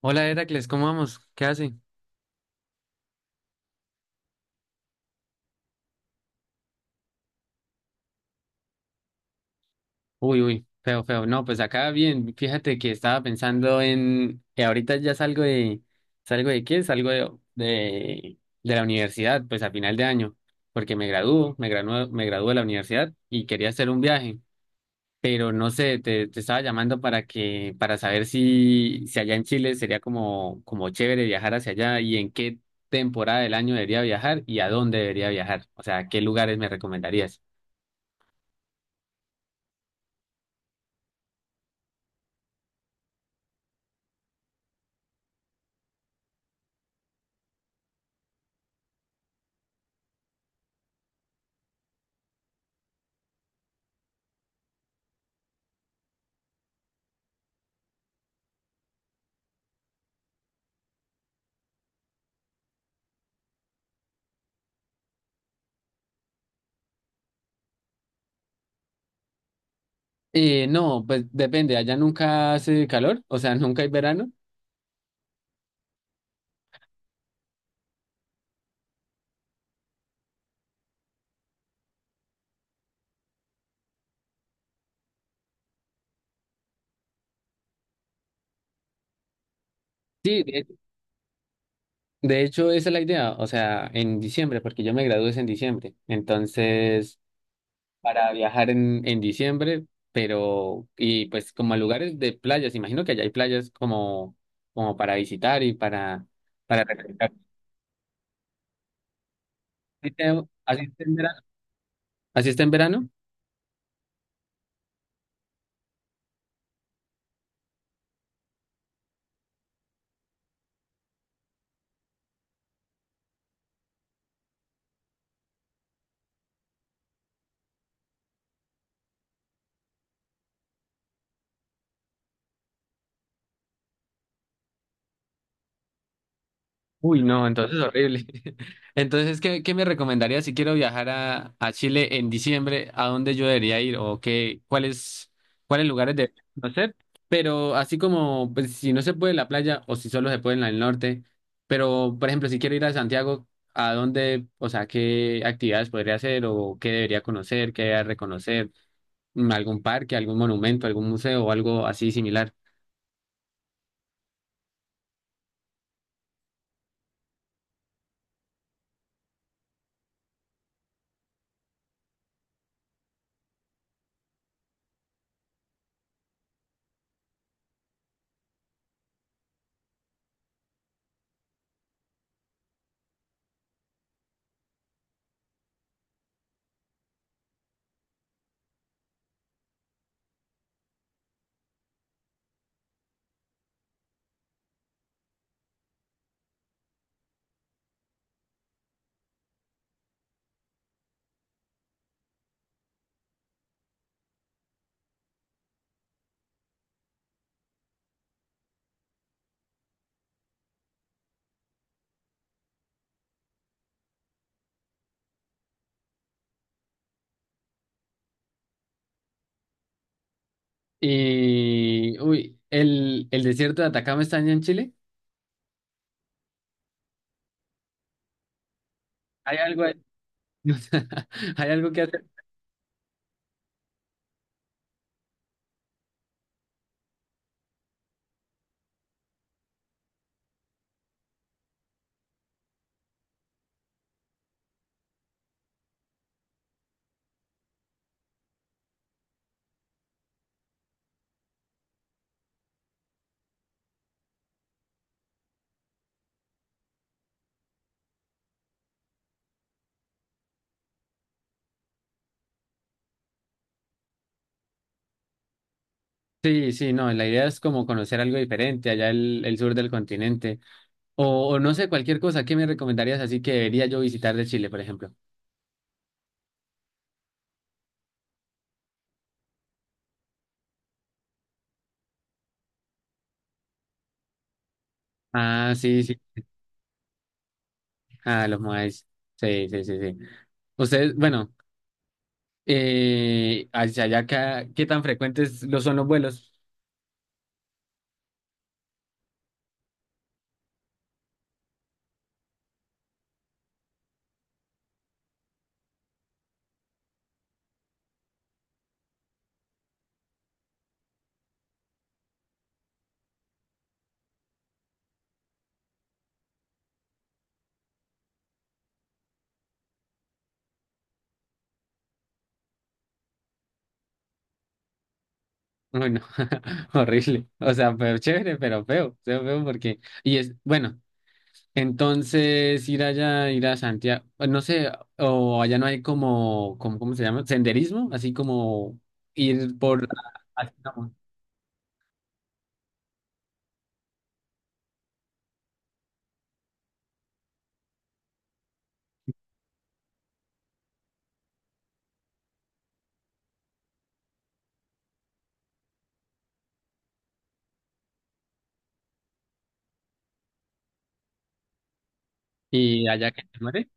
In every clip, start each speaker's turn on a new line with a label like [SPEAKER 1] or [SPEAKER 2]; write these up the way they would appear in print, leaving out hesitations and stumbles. [SPEAKER 1] Hola Heracles, ¿cómo vamos? ¿Qué hace? Uy, uy, feo, feo. No, pues acá bien. Fíjate que estaba pensando en que ahorita ya ¿salgo de qué? Salgo de la universidad, pues a final de año, porque me gradúo de la universidad y quería hacer un viaje, pero no sé, te estaba llamando para que, para saber si allá en Chile sería como chévere viajar hacia allá y en qué temporada del año debería viajar y a dónde debería viajar. O sea, ¿qué lugares me recomendarías? No, pues depende, allá nunca hace calor, o sea, nunca hay verano. Sí, de hecho esa es la idea, o sea, en diciembre, porque yo me gradué es en diciembre, entonces para viajar en diciembre, pero, y pues como a lugares de playas, imagino que allá hay playas como para visitar y para refrescar. Así está en verano. ¿Así está en verano? Uy, no, entonces horrible. Entonces, ¿qué me recomendaría si quiero viajar a Chile en diciembre? ¿A dónde yo debería ir? ¿O cuáles lugares debería conocer? Pero así como, pues, si no se puede en la playa o si solo se puede en el norte, pero, por ejemplo, si quiero ir a Santiago, ¿a dónde, o sea, qué actividades podría hacer o qué debería conocer, qué debería reconocer? ¿Algún parque, algún monumento, algún museo o algo así similar? Y, uy, ¿el desierto de Atacama está allá en Chile? Hay algo, ahí- Hay algo que hacer. Sí, sí, no, la idea es como conocer algo diferente allá el sur del continente. O no sé, cualquier cosa que me recomendarías así que debería yo visitar de Chile, por ejemplo. Ah, sí, sí. Ah, los Moais. Sí, sí, sí, sí. Ustedes, bueno, hacia allá, ¿acá qué tan frecuentes lo son los vuelos? Bueno, horrible. O sea, pero chévere, pero feo, feo, feo porque… Y es, bueno. Entonces, ir allá, ir a Santiago, pues, no sé, o allá no hay ¿cómo se llama? Senderismo, así como ir por, así como, y allá que te muere.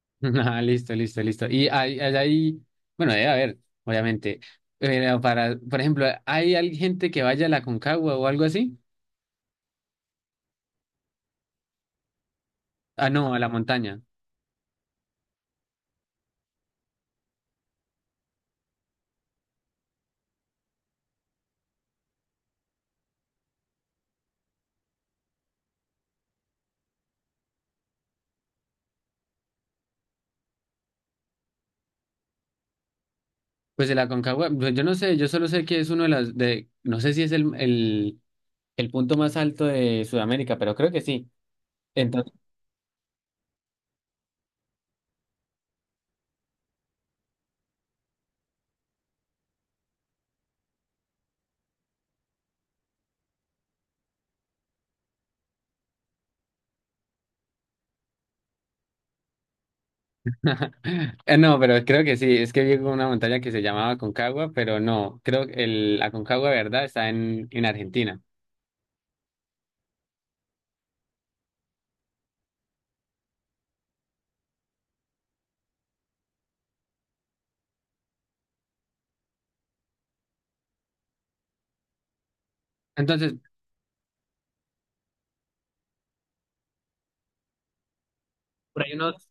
[SPEAKER 1] Ah, listo, listo, listo. Allá hay, bueno, debe haber, obviamente, pero para, por ejemplo, ¿hay gente que vaya a la Concagua o algo así? Ah, no, a la montaña. Pues de la Concagua, yo no sé, yo solo sé que es uno de las, de, no sé si es el punto más alto de Sudamérica, pero creo que sí. No, pero creo que sí, es que vi una montaña que se llamaba Aconcagua, pero no, creo que el Aconcagua de verdad está en Argentina. Entonces, por ahí unos,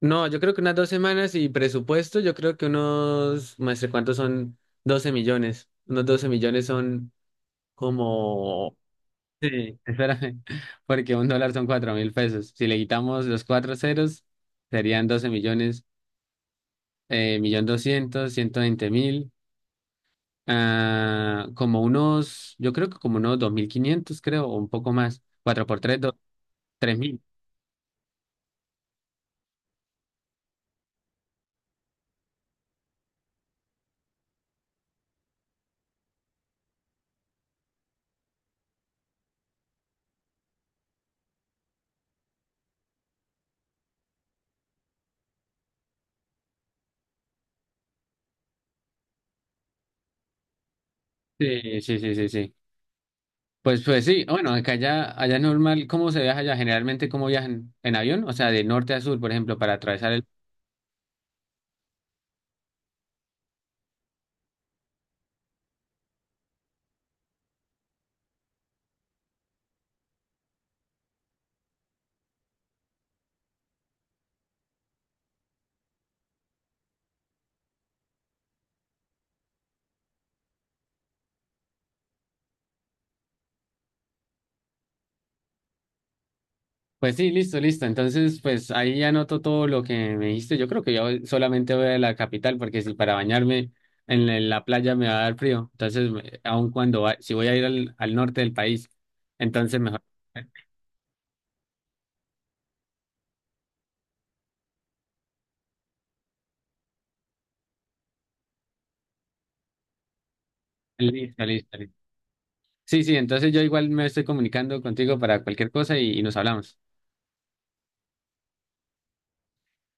[SPEAKER 1] no, yo creo que unas dos semanas y presupuesto, yo creo que unos, maestre, ¿cuántos son? 12 millones. Unos 12 millones son como… Sí, espérame, porque un dólar son 4.000 pesos. Si le quitamos los cuatro ceros, serían 12 millones, millón doscientos, 120.000. Ah, como unos, yo creo que como unos 2.500 creo, o un poco más. Cuatro por 3, 3.000. Sí, sí, sí, sí, sí. Pues sí, bueno, acá allá, allá es normal, ¿cómo se viaja allá? Generalmente, ¿cómo viajan? ¿En avión? O sea, de norte a sur, por ejemplo, para atravesar el… Pues sí, listo, listo. Entonces, pues ahí ya anoto todo lo que me dijiste. Yo creo que yo solamente voy a la capital, porque si para bañarme en la playa me va a dar frío. Entonces, aun cuando, si voy a ir al norte del país, entonces mejor. Listo, listo, listo. Sí, sí, entonces yo igual me estoy comunicando contigo para cualquier cosa y nos hablamos.